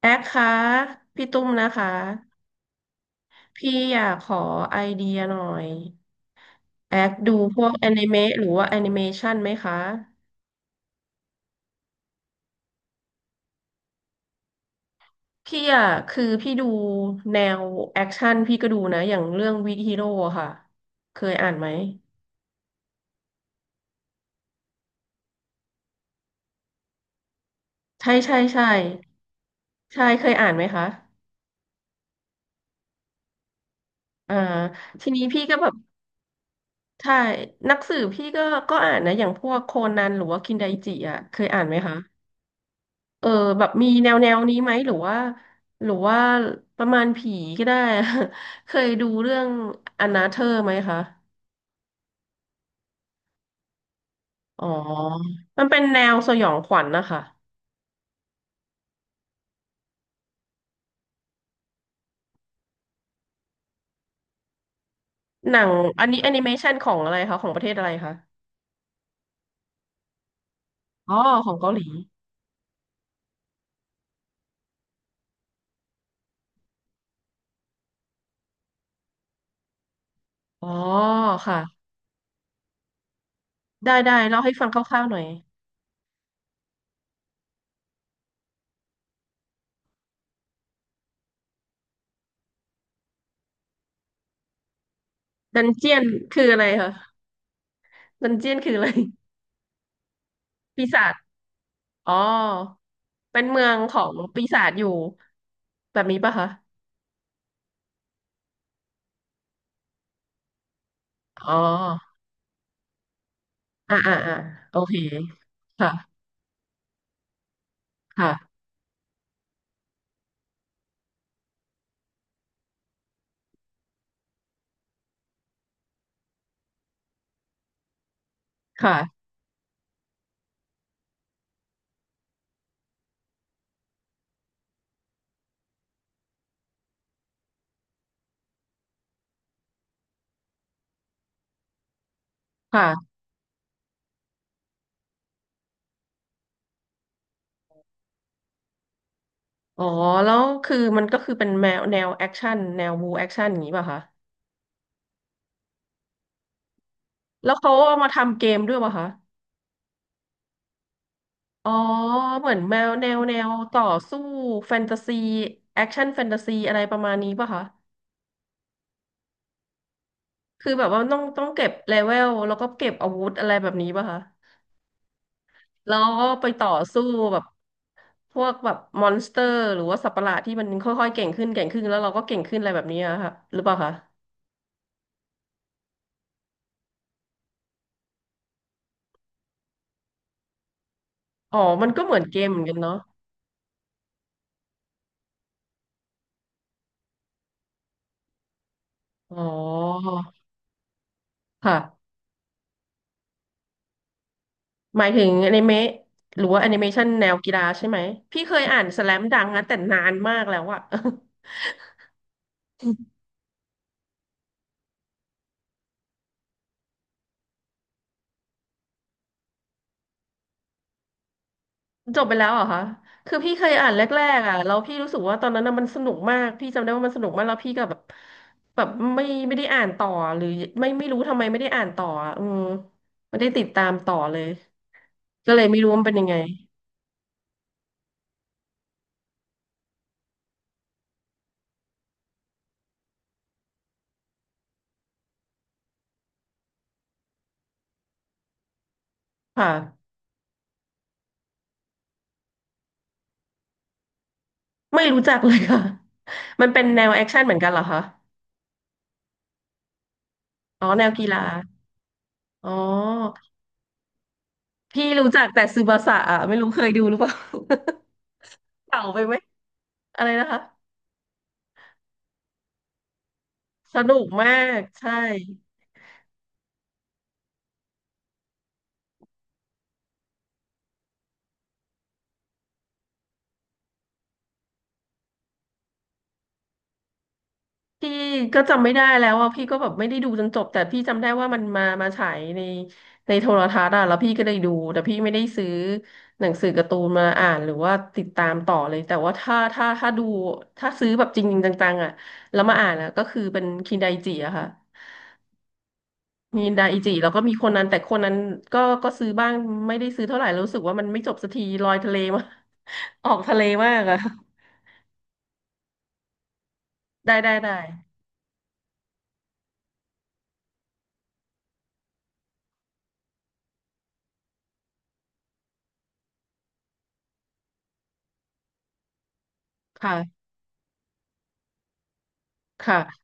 แอคคะพี่ตุ้มนะคะพี่อยากขอไอเดียหน่อยแอคดูพวกแอนิเมะหรือว่าแอนิเมชันไหมคะพี่อะคือพี่ดูแนวแอคชั่นพี่ก็ดูนะอย่างเรื่องวิกฮีโร่ค่ะเคยอ่านไหมใช่ใช่ใช่เคยอ่านไหมคะอ่าทีนี้พี่ก็แบบใช่หนักสืบพี่ก็อ่านนะอย่างพวกโคนันหรือว่าคินไดจิอะเคยอ่านไหมคะ เออแบบมีแนวนี้ไหมหรือว่าหรือว่าประมาณผีก็ได้ เคยดูเรื่องอนาเธอร์ไหมคะอ๋อมันเป็นแนวสยองขวัญนะคะหนังอันนี้แอนิเมชันของอะไรคะของประเทศอะไรคะอ๋อของเกาหลีอ๋อค่ะได้ได้เล่าให้ฟังคร่าวๆหน่อยดันเจียนคืออะไรคะดันเจียนคืออะไรปีศาจอ๋อเป็นเมืองของปีศาจอยู่แบบนี้ปะคะอ๋อ อ่าอ่าอ่าโอเคค่ะค่ะค่ะค่ะอ๋อแล้วคือมันก็คือเป็นแนวแอคชั่นแนวบูแอคชั่นอย่างนี้ป่ะคะแล้วเขาเอามาทำเกมด้วยป่ะคะอ๋อเหมือนแนวต่อสู้แฟนตาซีแอคชั่นแฟนตาซีอะไรประมาณนี้ป่ะคะคือแบบว่าต้องเก็บเลเวลแล้วก็เก็บอาวุธอะไรแบบนี้ป่ะคะแล้วก็ไปต่อสู้แบบพวกแบบมอนสเตอร์หรือว่าสัตว์ประหลาดที่มันค่อยๆเก่งขึ้นเก่งขึ้นแล้วเราก็เก่งขึ้นอะไรแบบนี้อะค่ะหรือเปล่าคะ อ๋อมันก็เหมือนเกมเหมือนกันเนาะอ๋อค่ะหมายถึงอนิเมะหรือว่าแอนิเมชันแนวกีฬาใช่ไหมพี่เคยอ่านสแลมดังนะแต่นานมากแล้วอะ จบไปแล้วเหรอคะคือพี่เคยอ่านแรกๆอะแล้วพี่รู้สึกว่าตอนนั้นน่ะมันสนุกมากพี่จำได้ว่ามันสนุกมากแล้วพี่ก็แบบไม่ได้อ่านต่อหรือไม่รู้ทำไมไม่ได้อ่านต่ออะอืมไม่ได้ติดตามต่อเลยก็เลยไม่รู้ว่ามันเป็นยังไงค่ะไม่รู้จักเลยค่ะ มันเป็นแนวแอคชั่นเหมือนกันเหรอคะอ๋อแนวกีฬา อ๋อพี่รู้จักแต่ซึบาสะอ่ะไม่รู้เคยดูหรือเปล่า เก่าไปไหมอะไรนะคะสนุกมากใช่พี่ก็จำไม่ได้แล้วว่าพี่ก็แบบไม่ได้ดูจนจบแต่พี่จำได้ว่ามันมาฉายในในโทรทัศน์อ่ะแล้วพี่ก็ได้ดูแต่พี่ไม่ได้ซื้อหนังสือการ์ตูนมาอ่านหรือว่าติดตามต่อเลยแต่ว่าถ้าดูถ้าซื้อแบบจริงๆจังๆอ่ะแล้วมาอ่านอะก็คือเป็นคินไดจิอะค่ะ มีดาอิจิแล้วก็มีคนนั้นแต่คนนั้นก็ซื้อบ้างไม่ได้ซื้อเท่าไหร่แล้วรู้สึกว่ามันไม่จบสักทีลอยทะเลมาก ออกทะเลมากอะได้ได้ได้ค่ะค่ะ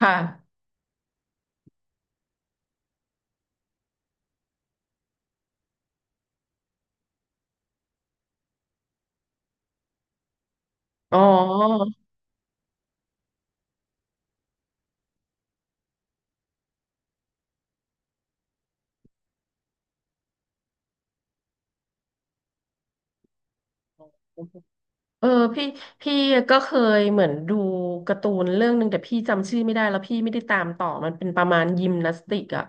ค่ะอ๋อ เออพี่พี่ก็เคยเหมือนดูการ์ตูนเรื่องหนึ่งแต่พี่จำชื่อไม่ได้แล้วพี่ไม่ได้ตามต่อมันเป็นประมาณยิมนาสติกอะ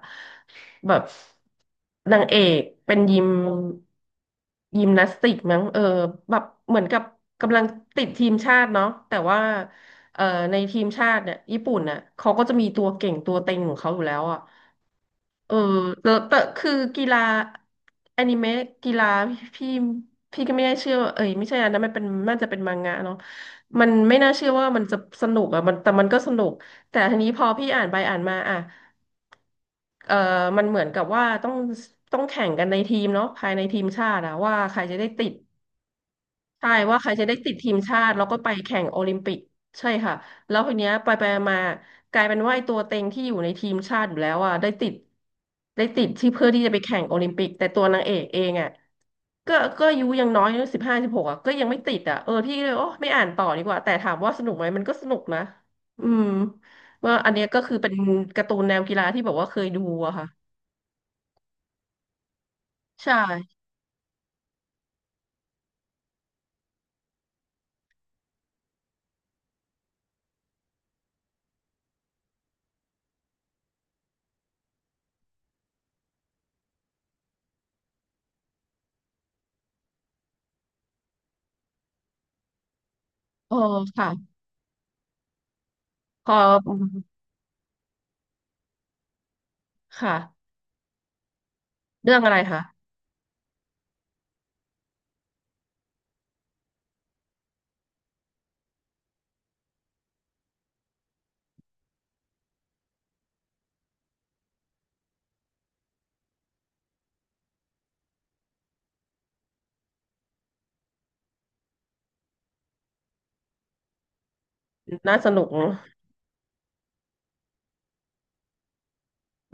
แบบนางเอกเป็นยิมนาสติกมั้งเออแบบเหมือนกับกำลังติดทีมชาติเนาะแต่ว่าเอ่อในทีมชาติเนี่ยญี่ปุ่นน่ะเขาก็จะมีตัวเก่งตัวเต็งของเขาอยู่แล้วอะ เออแล้วแต่คือกีฬาอนิเมะกีฬาพี่พี่ก็ไม่ได้เชื่อว่าเอ้ยไม่ใช่อันนั้นมันเป็นน่าจะเป็นมังงะเนาะมันไม่น่าเชื่อว่ามันจะสนุกอ่ะมันแต่มันก็สนุกแต่ทีนี้พอพี่อ่านไปอ่านมาอ่ะเออมันเหมือนกับว่าต้องแข่งกันในทีมเนาะภายในทีมชาติอะว่าใครจะได้ติด ใช่ว่าใครจะได้ติดทีมชาติแล้วก็ไปแข่งโอลิมปิกใช่ค่ะแล้วทีเนี้ยไปมากลายเป็นว่าไอ้ตัวเต็งที่อยู่ในทีมชาติอยู่แล้วอ่ะได้ติดได้ติดที่เพื่อที่จะไปแข่งโอลิมปิกแต่ตัวนางเอกเองอ่ะก็อายุยังน้อย15-16อ่ะก็ยังไม่ติดอ่ะเออพี่เลยโอ้ไม่อ่านต่อดีกว่าแต่ถามว่าสนุกไหมมันก็สนุกนะอืมว่าอันเนี้ยก็คือเป็นการ์ตูนแนวกีฬาที่แบบว่าเคยดูอะค่ะใช่เออค่ะพออืมค่ะเรื่องอะไรคะน่าสนุก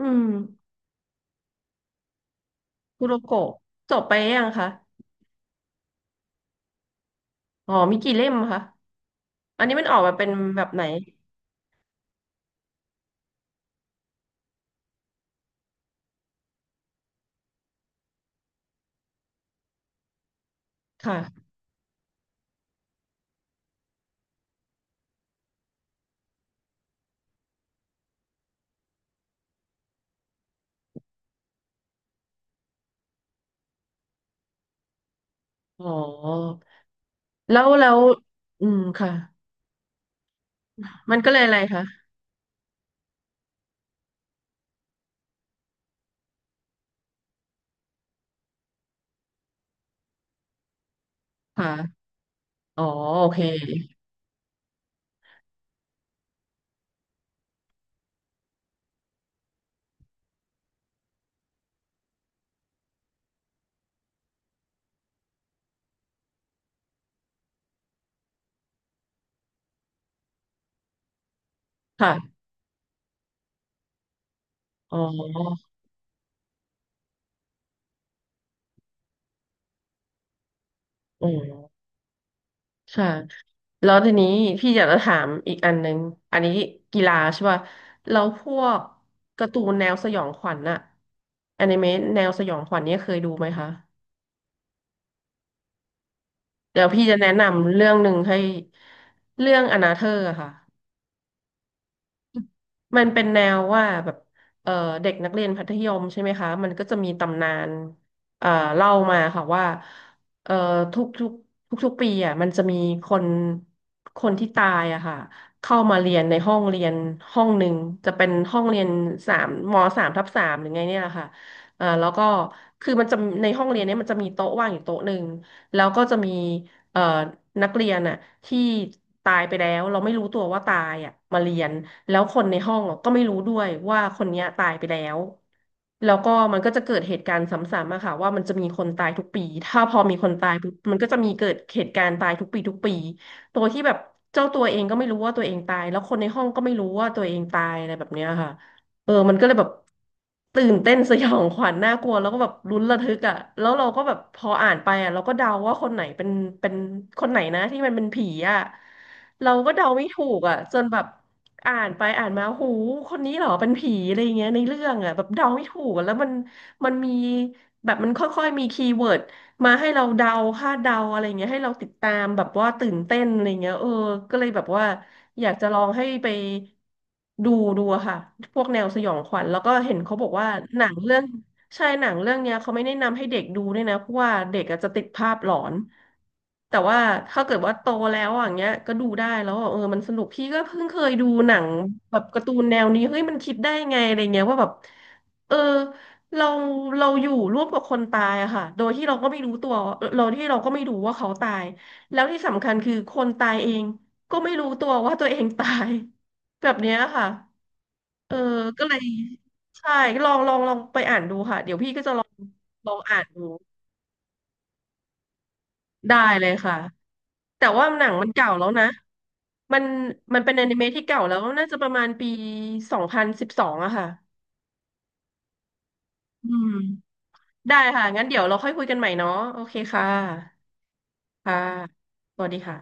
อืม คุโรโกะจบไปยังคะ อ๋อมีกี่เล่มคะ อันนี้มันออกมาเป็นแบบไหนค่ะ อ๋อแล้วอืม ค่ะ มันก็เลยอะไรคะค่ะ อ๋อ โอเค ค่ะอ๋ออ๋อค่ะแล้วทีนี้พี่อยากจะถามอีกอันนึงอันนี้กีฬาใช่ป่ะแล้วพวกการ์ตูนแนวสยองขวัญอะอนิเมะแนวสยองขวัญเนี่ยเคยดูไหมคะ เดี๋ยวพี่จะแนะนำเรื่องหนึ่งให้ เรื่องอนาเธอร์อะค่ะ มันเป็นแนวว่าแบบเอ่อเด็กนักเรียนมัธยมใช่ไหมคะมันก็จะมีตำนานเอ่อเล่ามาค่ะว่าเอ่อทุกทุกทุกๆปีอ่ะมันจะมีคนคนที่ตายอะค่ะเข้ามาเรียนในห้องเรียนห้องหนึ่งจะเป็นห้องเรียนสามทับสามหรือไงเนี่ยแหละค่ะแล้วก็คือมันจะในห้องเรียนเนี้ยมันจะมีโต๊ะว่างอยู่โต๊ะหนึ่งแล้วก็จะมีเอ่อนักเรียนอะที่ตายไปแล้วเราไม่รู้ตัวว่าตายอะมาเรียน แล้วคนในห้องอะก็ไม่รู้ด้วยว่าคนเนี้ยตายไปแล้ว แล้วก็มันก็จะเกิดเหตุการณ์ซ้ำๆอะค่ะว่ามันจะมีคนตายทุกปี ถ้าพอมีคนตายปุ๊บมันก็จะมีเกิดเหตุการณ์ตายทุกปีทุกปีตัวที่แบบเจ้าตัวเองก็ไม่รู้ว่าตัวเองตายแล้วคนในห้องก็ไม่รู้ว่าตัวเองตายอะไรแบบเนี้ยค่ะเออมันก็เลยแบบตื่นเต้นสยองขวัญน่ากลัวแล้วก็แบบลุ้นระทึกอ่ะแล้วเราก็แบบพออ่านไปอ่ะเราก็เดาว่าคนไหนเป็นคนไหนนะที่มันเป็นผีอ่ะ เราก็เดาไม่ถูกอ่ะจนแบบอ่านไปอ่านมาหูคนนี้เหรอเป็นผีอะไรอย่างเงี้ยในเรื่องอ่ะแบบเดาไม่ถูกอะแล้วมันมีแบบมันค่อยๆมีคีย์เวิร์ดมาให้เราเดาคาดเดาอะไรเงี้ยให้เราติดตามแบบว่าตื่นเต้นอะไรเงี้ยเออก็เลยแบบว่าอยากจะลองให้ไปดูดูอะค่ะพวกแนวสยองขวัญแล้วก็เห็นเขาบอกว่าหนังเรื่อง ใช่หนังเรื่องเนี้ยเขาไม่แนะนำให้เด็กดูด้วยนะเพราะว่าเด็กอาจจะติดภาพหลอนแต่ว่าถ้าเกิดว่าโตแล้วอย่างเงี้ยก็ดูได้แล้วอะเออมันสนุกพี่ก็เพิ่งเคยดูหนังแบบการ์ตูนแนวนี้เฮ้ยมันคิดได้ไงอะไรเงี้ยว่าแบบเออเราเราอยู่ร่วมกับคนตายอะค่ะโดยที่เราก็ไม่รู้ตัวเราที่เราก็ไม่รู้ว่าเขาตายแล้วที่สำคัญคือคนตายเองก็ไม่รู้ตัวว่าตัวเองตาย แบบเนี้ยค่ะ เออ ก็เลยใช่ลองไปอ่านดูค่ะเดี๋ยวพี่ก็จะลองอ่านดูได้เลยค่ะแต่ว่าหนังมันเก่าแล้วนะมันมันเป็นอนิเมะที่เก่าแล้วน่าจะประมาณปี2012อะค่ะอืมได้ค่ะงั้นเดี๋ยวเราค่อยคุยกันใหม่เนาะโอเคค่ะค่ะสวัสดีค่ะ